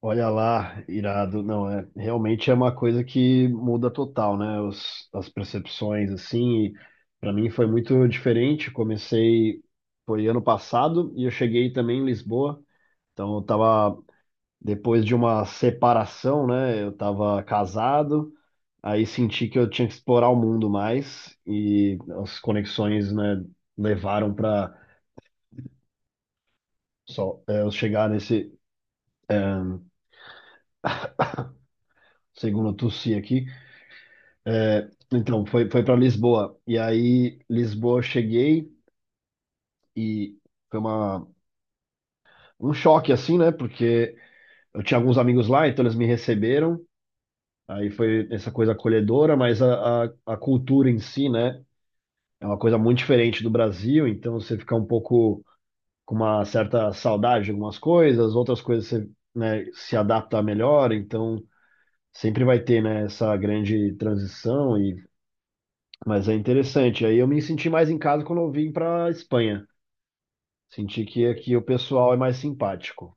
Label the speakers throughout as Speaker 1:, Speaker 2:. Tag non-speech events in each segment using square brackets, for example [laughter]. Speaker 1: Olha lá, irado. Não, realmente é uma coisa que muda total, né? As percepções, assim. E pra mim foi muito diferente. Foi ano passado e eu cheguei também em Lisboa. Então eu tava depois de uma separação, né? Eu tava casado, aí senti que eu tinha que explorar o mundo mais e as conexões, né, levaram para eu chegar nesse segundo Tussi aqui. É, então, foi, foi para Lisboa. E aí, Lisboa, eu cheguei e foi um choque, assim, né? Porque eu tinha alguns amigos lá, então eles me receberam. Aí foi essa coisa acolhedora, mas a cultura em si, né? É uma coisa muito diferente do Brasil, então você fica um pouco com uma certa saudade de algumas coisas, outras coisas você, né, se adapta melhor, então sempre vai ter, né, essa grande transição. E mas é interessante. Aí eu me senti mais em casa quando eu vim para Espanha. Senti que aqui o pessoal é mais simpático.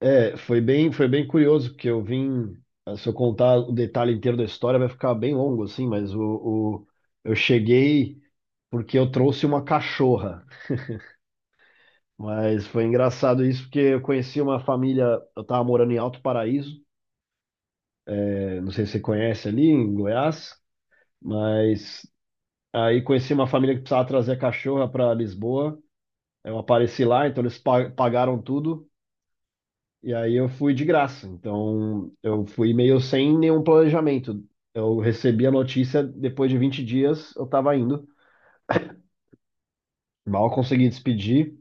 Speaker 1: É, foi bem curioso, porque eu vim. Se eu contar o detalhe inteiro da história, vai ficar bem longo, assim, mas eu cheguei porque eu trouxe uma cachorra. Mas foi engraçado isso, porque eu conheci uma família. Eu estava morando em Alto Paraíso, é, não sei se você conhece ali, em Goiás, mas aí conheci uma família que precisava trazer a cachorra para Lisboa. Eu apareci lá, então eles pagaram tudo. E aí eu fui de graça. Então eu fui meio sem nenhum planejamento. Eu recebi a notícia depois de 20 dias, eu tava indo. Mal consegui despedir.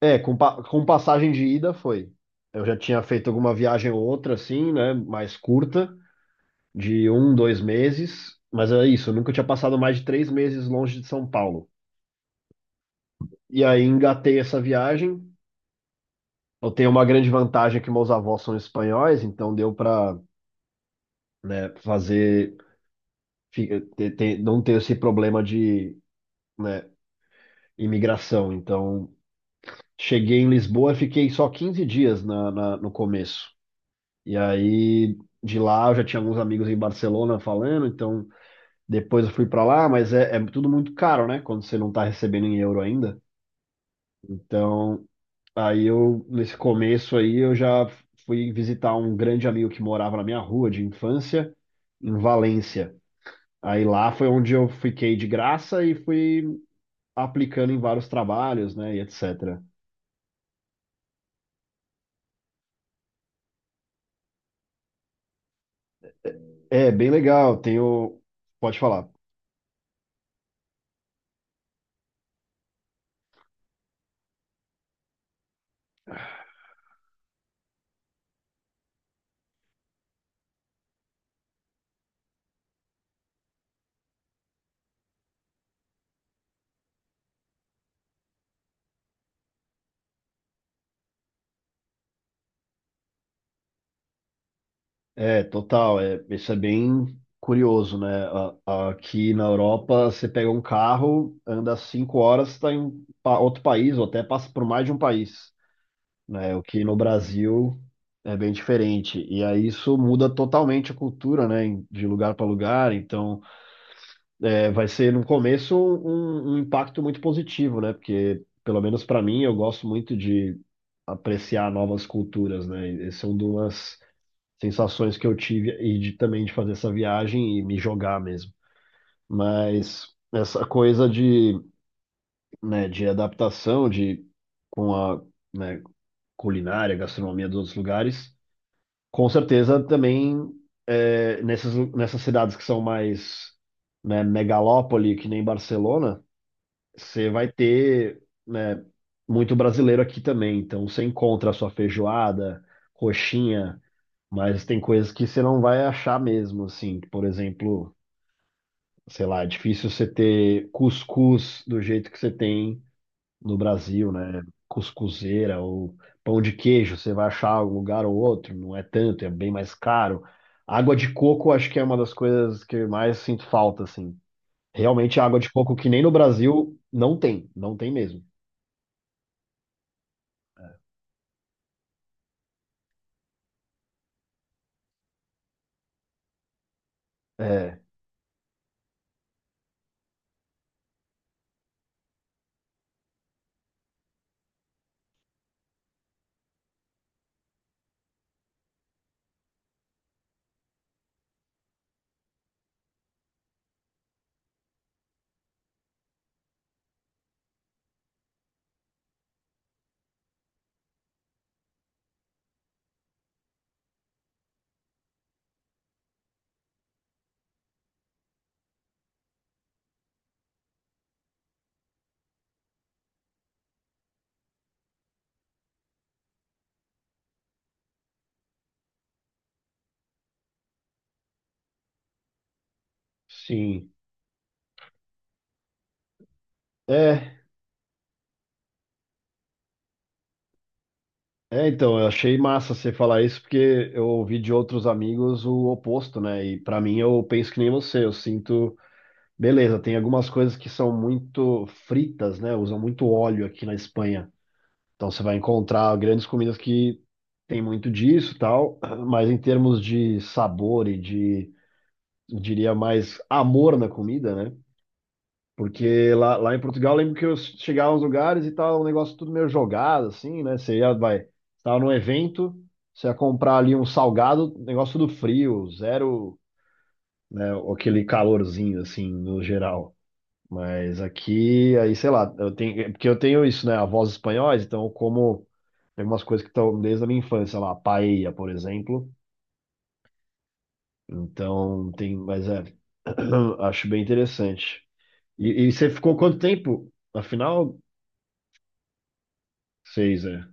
Speaker 1: É, com, com passagem de ida foi. Eu já tinha feito alguma viagem ou outra, assim, né? Mais curta, de um, dois meses. Mas é isso, eu nunca tinha passado mais de três meses longe de São Paulo. E aí engatei essa viagem. Eu tenho uma grande vantagem, é que meus avós são espanhóis, então deu para, né, fazer, não ter esse problema de, né, imigração. Então, cheguei em Lisboa, fiquei só 15 dias no começo. E aí de lá eu já tinha alguns amigos em Barcelona falando, então depois eu fui para lá, mas é, é tudo muito caro, né, quando você não tá recebendo em euro ainda. Então, aí eu nesse começo aí eu já fui visitar um grande amigo que morava na minha rua de infância em Valência. Aí lá foi onde eu fiquei de graça e fui aplicando em vários trabalhos, né, e etc. É, bem legal, tenho... Pode falar. É, total, é, isso é bem curioso, né? Aqui na Europa, você pega um carro, anda cinco horas, está em outro país, ou até passa por mais de um país, né? O que no Brasil é bem diferente. E aí isso muda totalmente a cultura, né? De lugar para lugar, então... é, vai ser no começo um impacto muito positivo, né? Porque, pelo menos para mim, eu gosto muito de apreciar novas culturas, né? E são é sensações que eu tive e de, também de fazer essa viagem e me jogar mesmo. Mas essa coisa de, né, de adaptação de com a, né, culinária, gastronomia dos outros lugares, com certeza também é, nessas cidades que são mais, né, megalópole, que nem Barcelona, você vai ter, né, muito brasileiro aqui também. Então você encontra a sua feijoada, coxinha, mas tem coisas que você não vai achar mesmo, assim. Por exemplo, sei lá, é difícil você ter cuscuz do jeito que você tem no Brasil, né? Cuscuzeira ou pão de queijo, você vai achar em um lugar ou outro, não é tanto, é bem mais caro. Água de coco, acho que é uma das coisas que eu mais sinto falta, assim. Realmente, água de coco que nem no Brasil não tem, não tem mesmo. É. Sim. É, é, então, eu achei massa você falar isso, porque eu ouvi de outros amigos o oposto, né? E pra mim, eu penso que nem você, eu sinto, beleza, tem algumas coisas que são muito fritas, né? Usam muito óleo aqui na Espanha. Então você vai encontrar grandes comidas que tem muito disso, e tal, mas em termos de sabor e de, eu diria mais amor na comida, né? Porque lá, lá em Portugal, eu lembro que eu chegava aos lugares e tal, um negócio tudo meio jogado, assim, né? Você ia, vai, estava num evento, você ia comprar ali um salgado, negócio tudo frio, zero, né? Aquele calorzinho, assim, no geral. Mas aqui, aí, sei lá, eu tenho, é porque eu tenho isso, né? Avós espanhóis, então eu como, tem algumas coisas que estão desde a minha infância, lá, paella, por exemplo. Então, tem, mas é, [clears throat] acho bem interessante. E você ficou quanto tempo? Afinal, seis, é.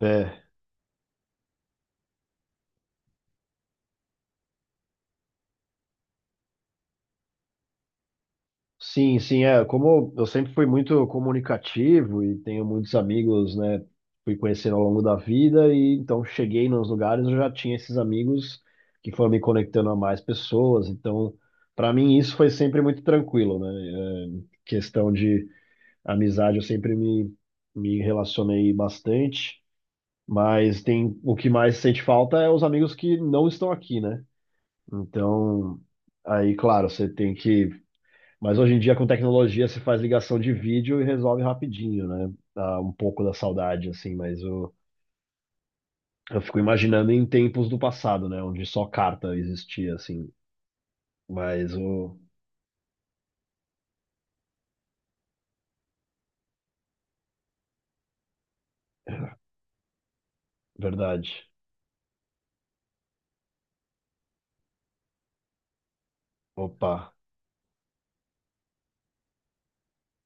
Speaker 1: É. Sim, sim, é. Como eu sempre fui muito comunicativo e tenho muitos amigos, né? Fui conhecendo ao longo da vida, e então cheguei nos lugares, eu já tinha esses amigos que foram me conectando a mais pessoas. Então, para mim, isso foi sempre muito tranquilo, né? É, questão de amizade, eu sempre me relacionei bastante, mas tem, o que mais sente falta é os amigos que não estão aqui, né? Então, aí, claro, você tem que... Mas hoje em dia, com tecnologia, se faz ligação de vídeo e resolve rapidinho, né? Dá um pouco da saudade, assim, mas eu fico imaginando em tempos do passado, né? Onde só carta existia, assim. Mas o. Verdade. Opa.